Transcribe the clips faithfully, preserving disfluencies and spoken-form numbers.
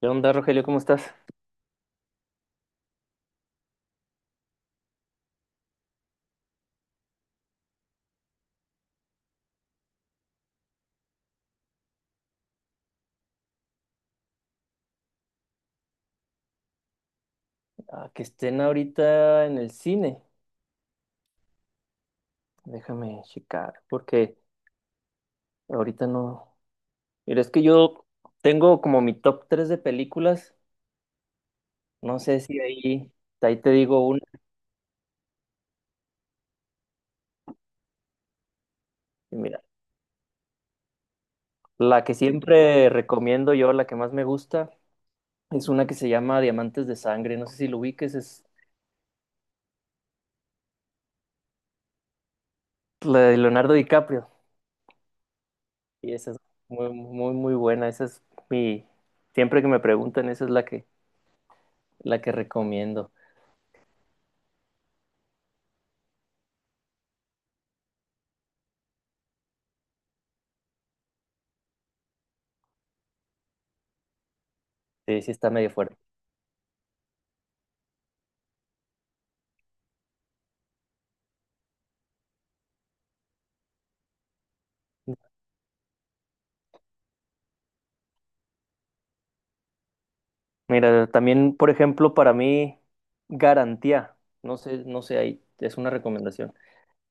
¿Qué onda, Rogelio? ¿Cómo estás? Ah, que estén ahorita en el cine. Déjame checar, porque ahorita no. Mira, es que yo tengo como mi top tres de películas. No sé si ahí, ahí te digo una. Y mira, la que siempre recomiendo yo, la que más me gusta, es una que se llama Diamantes de Sangre. No sé si lo ubiques, es la de Leonardo DiCaprio. Y esa es muy, muy, muy buena. Esa es mi. Siempre que me preguntan, esa es la que, la que recomiendo. Sí, sí está medio fuerte. Mira, también, por ejemplo, para mí, garantía. No sé, no sé, ahí es una recomendación.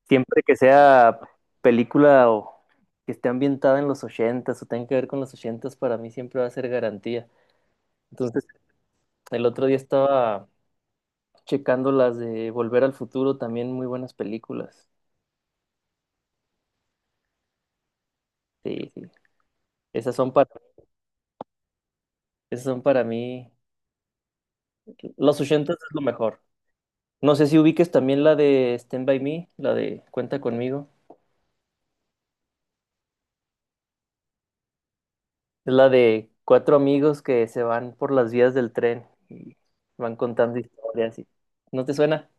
Siempre que sea película o que esté ambientada en los ochentas o tenga que ver con los ochentas, para mí siempre va a ser garantía. Entonces, el otro día estaba checando las de Volver al Futuro, también muy buenas películas. Sí, sí. Esas son para, esas son para mí. Los ochentas es lo mejor. No sé si ubiques también la de Stand By Me, la de Cuenta conmigo. Es la de cuatro amigos que se van por las vías del tren y van contando historias. y- ¿No te suena?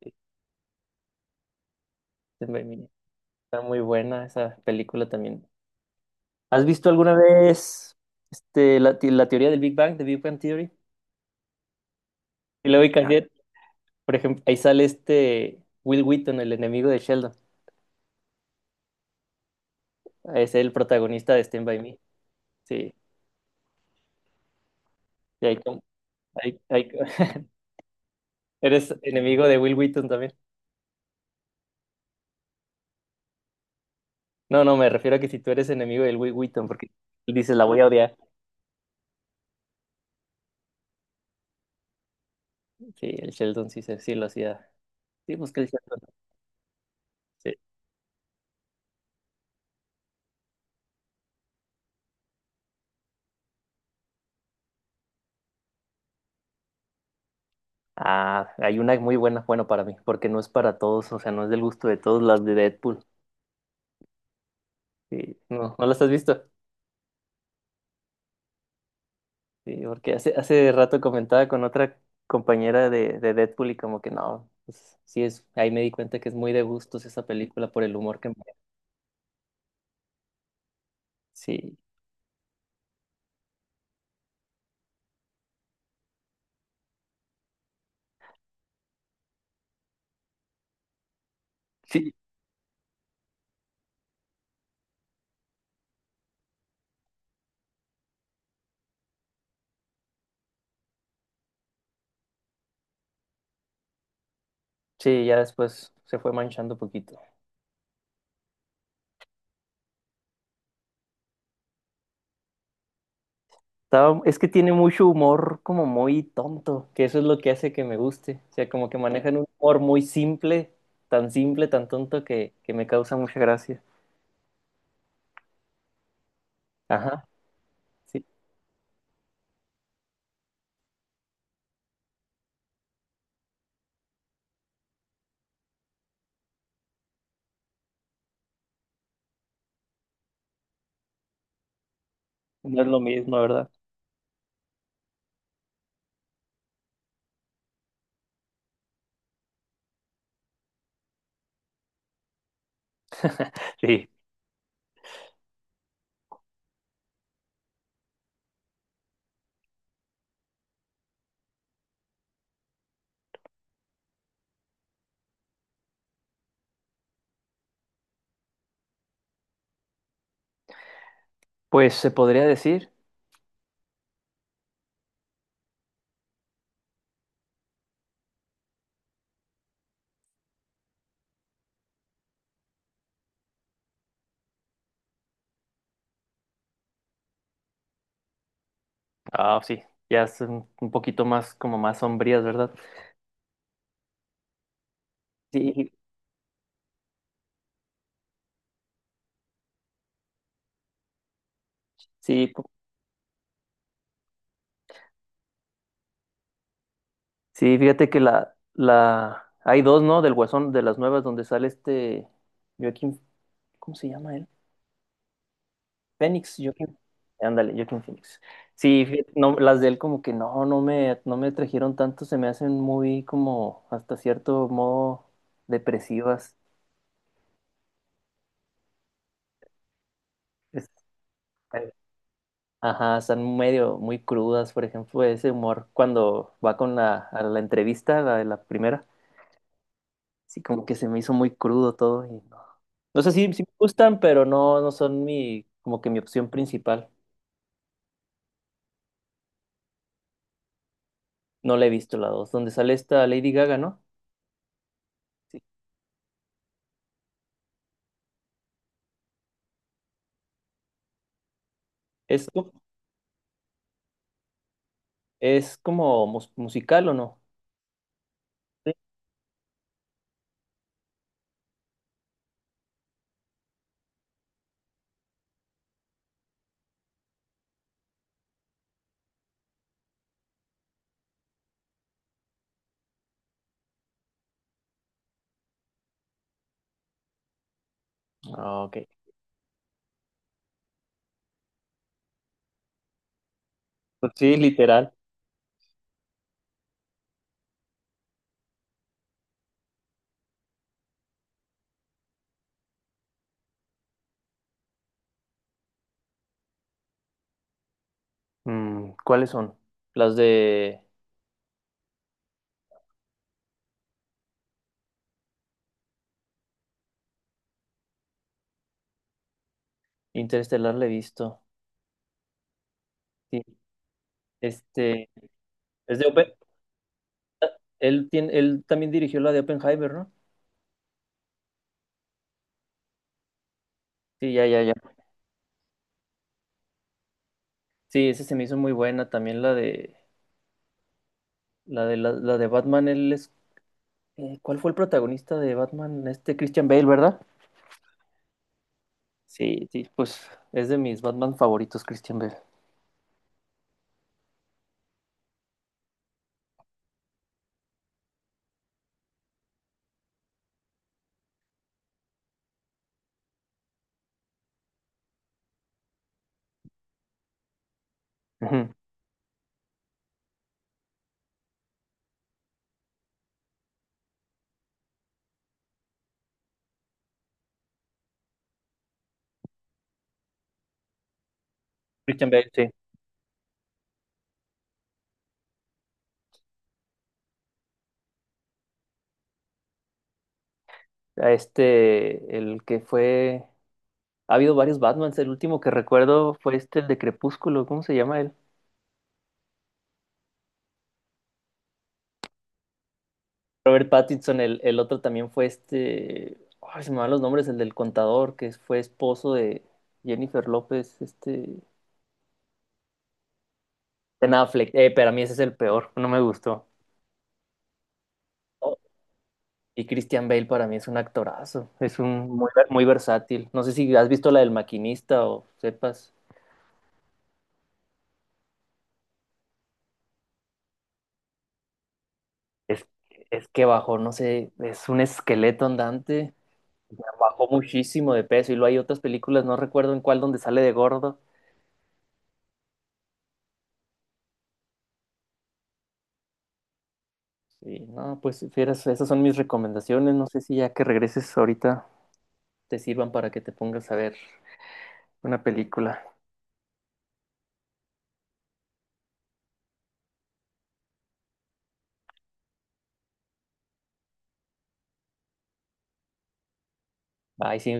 Sí, se me vino. Está muy buena esa película también. ¿Has visto alguna vez este, la, te- la teoría del Big Bang, de Big Bang Theory? Y luego hay que por ejemplo, ahí sale este Will Wheaton, el enemigo de Sheldon. Es el protagonista de Stand By Me. Sí, y ahí com- ahí- ahí- eres enemigo de Will Wheaton también. No, no, me refiero a que si tú eres enemigo del Will Wheaton, porque él dice, la voy a odiar. Sí, el Sheldon sí, se- sí lo hacía. Sí, busqué el Sheldon. Sí. Ah, hay una muy buena, bueno, para mí, porque no es para todos, o sea, no es del gusto de todos, las de Deadpool. Sí, no, ¿no las has visto? Sí, porque hace, hace rato comentaba con otra compañera de, de Deadpool y como que no, pues sí es, ahí me di cuenta que es muy de gustos esa película por el humor que me... Sí, sí, sí, ya después se fue manchando poquito. Estaba- es que tiene mucho humor como muy tonto, que eso es lo que hace que me guste. O sea, como que manejan un humor muy simple, tan simple, tan tonto que, que me causa mucha gracia. Ajá, sí, no es lo mismo, ¿verdad? Sí, pues se podría decir. Ah, sí, ya son un poquito más como más sombrías, ¿verdad? Sí, sí, po- sí, fíjate que la, la, hay dos, ¿no? Del Guasón, de las nuevas, donde sale este Joaquín, ¿cómo se llama él? Phoenix, Joaquin. Ándale, Joaquin Phoenix. Sí, fíjate, no, las de él como que no, no me, no me trajeron tanto, se me hacen muy como hasta cierto modo depresivas. Es- ajá, están medio muy crudas, por ejemplo, ese humor cuando va con la, a la entrevista, la de la primera, sí como que se me hizo muy crudo todo y no. No sé si sí, sí me gustan, pero no, no son mi, como que mi opción principal. No la he visto la dos, donde sale esta Lady Gaga, ¿no? Sí. Es, ¿es como mus- musical o no? Sí. Ah, ok. Pues sí, literal. Mm, ¿cuáles son? Las de Interestelar la he visto. Sí, este, es de Open- él tiene, él también dirigió la de Oppenheimer, ¿no? Sí, ya, ya, ya. Sí, esa se me hizo muy buena. También la de, la de, la, la de Batman, él es, eh, ¿cuál fue el protagonista de Batman? Este Christian Bale, ¿verdad? Sí, sí, pues es de mis Batman favoritos, Christian Bale. Ujú. Christian Bale, sí. A este, el que fue. Ha habido varios Batmans. El último que recuerdo fue este, el de Crepúsculo. ¿Cómo se llama él? Robert Pattinson. El, el otro también fue este. Ay, se me van los nombres. El del contador, que fue esposo de Jennifer López. Este. Ben Affleck. Eh, para mí ese es el peor. No me gustó. Oh, y Christian Bale para mí es un actorazo. Es un muy, muy versátil. No sé si has visto la del maquinista o sepas. Es, es que bajo, no sé, es un esqueleto andante. Bajó muchísimo de peso y luego hay otras películas, no recuerdo en cuál, donde sale de gordo. Y no, pues fieras, esas son mis recomendaciones. No sé si ya que regreses ahorita te sirvan para que te pongas a ver una película. Bye, sí,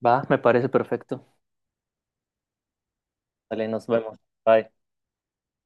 va, me parece perfecto. Vale, nos vemos. Bye.